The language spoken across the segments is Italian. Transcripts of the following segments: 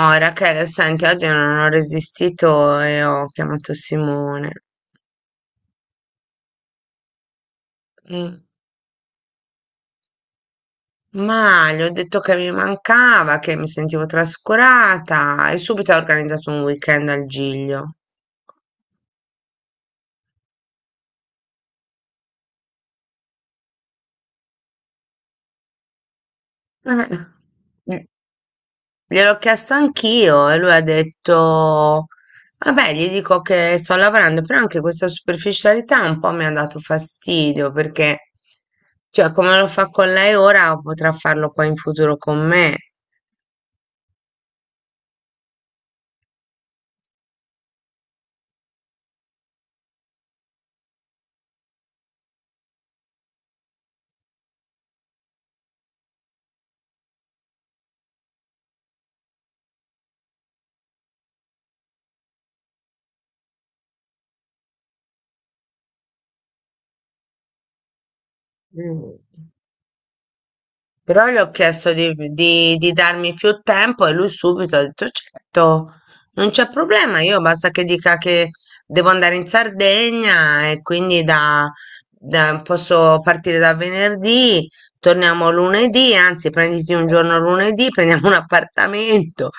Oh, Rachele, senti, oggi non ho resistito e ho chiamato Simone. Mm, Ma gli ho detto che mi mancava, che mi sentivo trascurata e subito ha organizzato un weekend al Giglio. Eh. Mm, Gliel'ho chiesto anch'io e lui ha detto, vabbè, gli dico che sto lavorando, però anche questa superficialità un po' mi ha dato fastidio perché, cioè, come lo fa con lei ora, potrà farlo poi in futuro con me. Mm. Però gli ho chiesto di darmi più tempo e lui subito ha detto certo, non c'è problema, io basta che dica che devo andare in Sardegna e quindi posso partire da venerdì, torniamo lunedì, anzi prenditi un giorno lunedì, prendiamo un appartamento.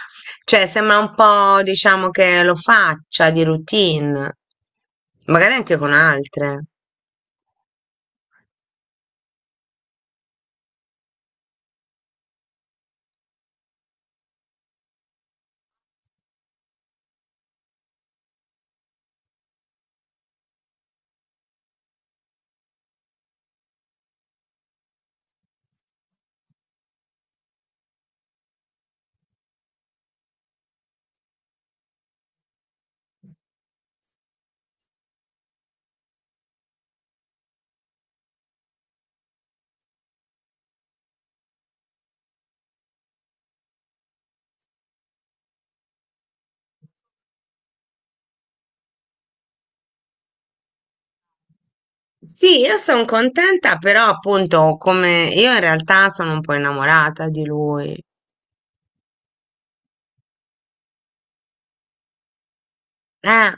Cioè sembra un po' diciamo che lo faccia di routine, magari anche con altre. Sì, io sono contenta, però appunto come io in realtà sono un po' innamorata di lui. Eh,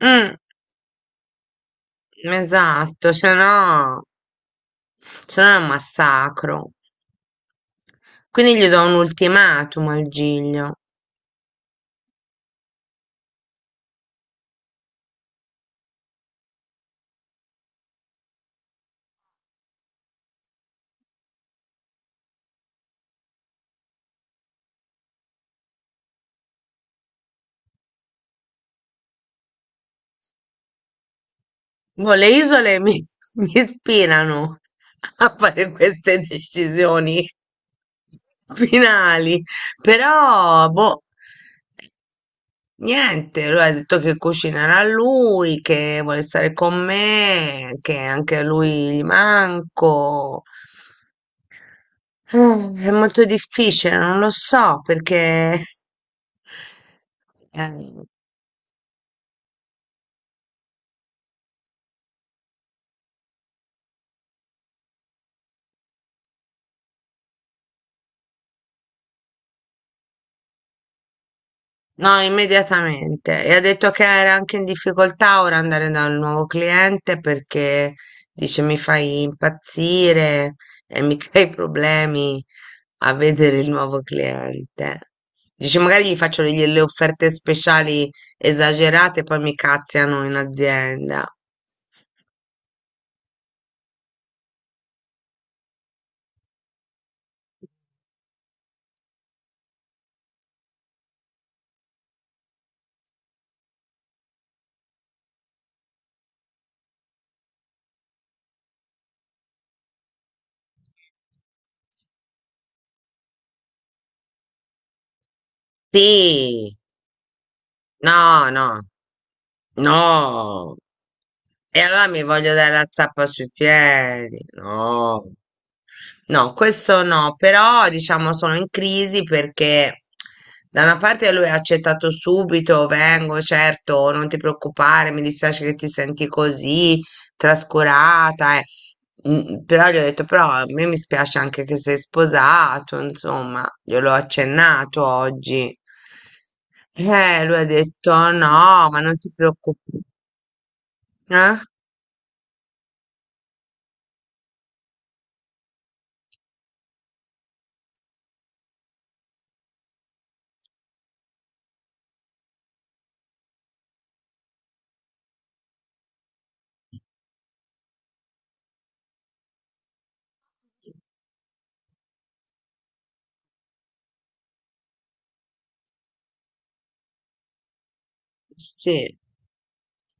mm, esatto, se no è un massacro. Quindi gli do un ultimatum al Giglio. Boh, le isole mi, mi ispirano a fare queste decisioni finali, però boh. Niente, lui ha detto che cucinerà lui, che vuole stare con me, che anche a lui gli manco. Eh, È molto difficile, non lo so perché. Eh, no, immediatamente. E ha detto che era anche in difficoltà ora andare dal nuovo cliente perché dice mi fai impazzire e mi crei problemi. A vedere il nuovo cliente. Dice, magari gli faccio delle offerte speciali esagerate e poi mi cazziano in azienda. Sì, no, no, no. E allora mi voglio dare la zappa sui piedi. No. No, questo no, però diciamo sono in crisi perché da una parte lui ha accettato subito, vengo, certo, non ti preoccupare, mi dispiace che ti senti così trascurata, eh. Però gli ho detto, però a me mi spiace anche che sei sposato, insomma, gliel'ho accennato oggi. Lui ha detto, no, ma non ti preoccupare. Eh? Sì.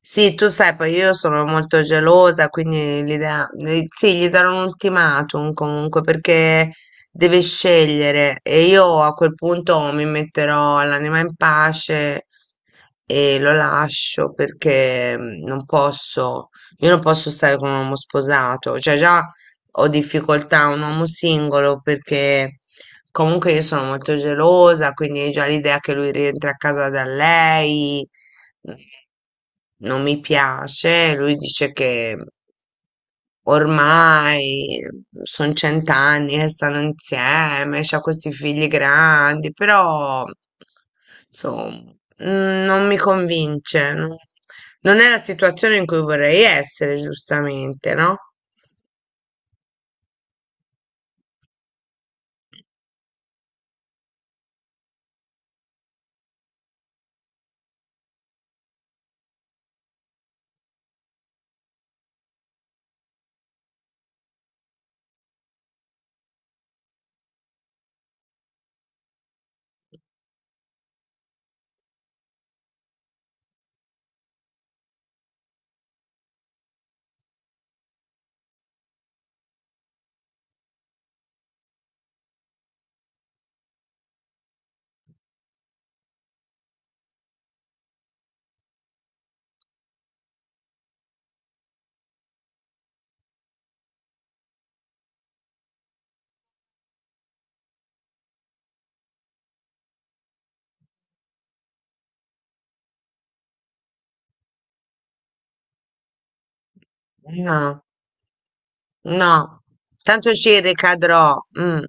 Sì, tu sai, poi io sono molto gelosa, quindi sì, gli darò un ultimatum comunque perché deve scegliere e io a quel punto mi metterò l'anima in pace e lo lascio perché non posso, io non posso stare con un uomo sposato, cioè già ho difficoltà a un uomo singolo perché comunque io sono molto gelosa, quindi già l'idea che lui rientri a casa da lei mm, non mi piace. Lui dice che ormai sono cent'anni che stanno insieme, c'ha questi figli grandi, però insomma, non mi convince. No? Non è la situazione in cui vorrei essere, giustamente, no? No, no, tanto ci ricadrò. Mm.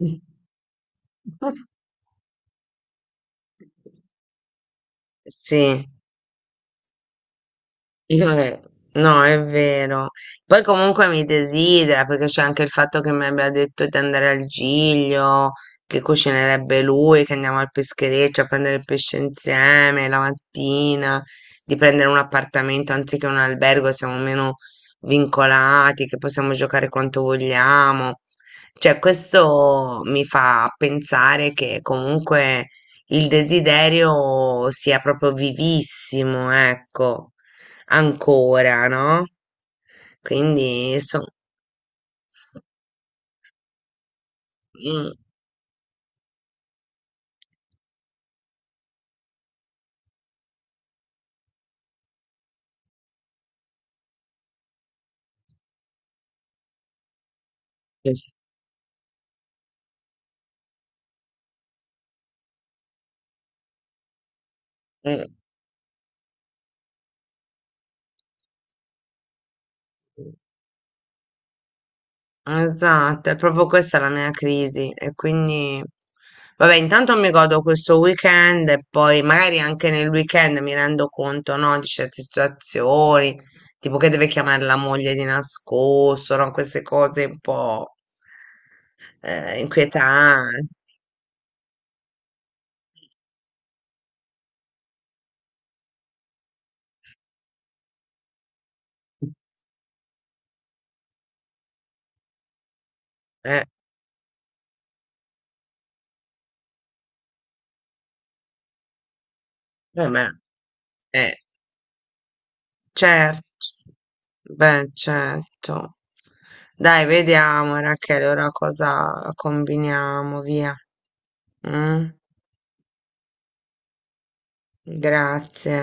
Mm. Sì. Io re- No, è vero. Poi comunque mi desidera perché c'è anche il fatto che mi abbia detto di andare al Giglio, che cucinerebbe lui, che andiamo al peschereccio a prendere il pesce insieme la mattina, di prendere un appartamento anziché un albergo, siamo meno vincolati, che possiamo giocare quanto vogliamo. Cioè, questo mi fa pensare che comunque il desiderio sia proprio vivissimo, ecco. Ancora, no, quindi son, mh, Yes. mh, esatto, è proprio questa la mia crisi e quindi vabbè, intanto mi godo questo weekend e poi magari anche nel weekend mi rendo conto, no, di certe situazioni, tipo che deve chiamare la moglie di nascosto, no, queste cose un po' inquietanti. Eh, vabbè, eh. Certo, beh, certo. Dai, vediamo Rachele, ora cosa combiniamo, via. Mm? Grazie.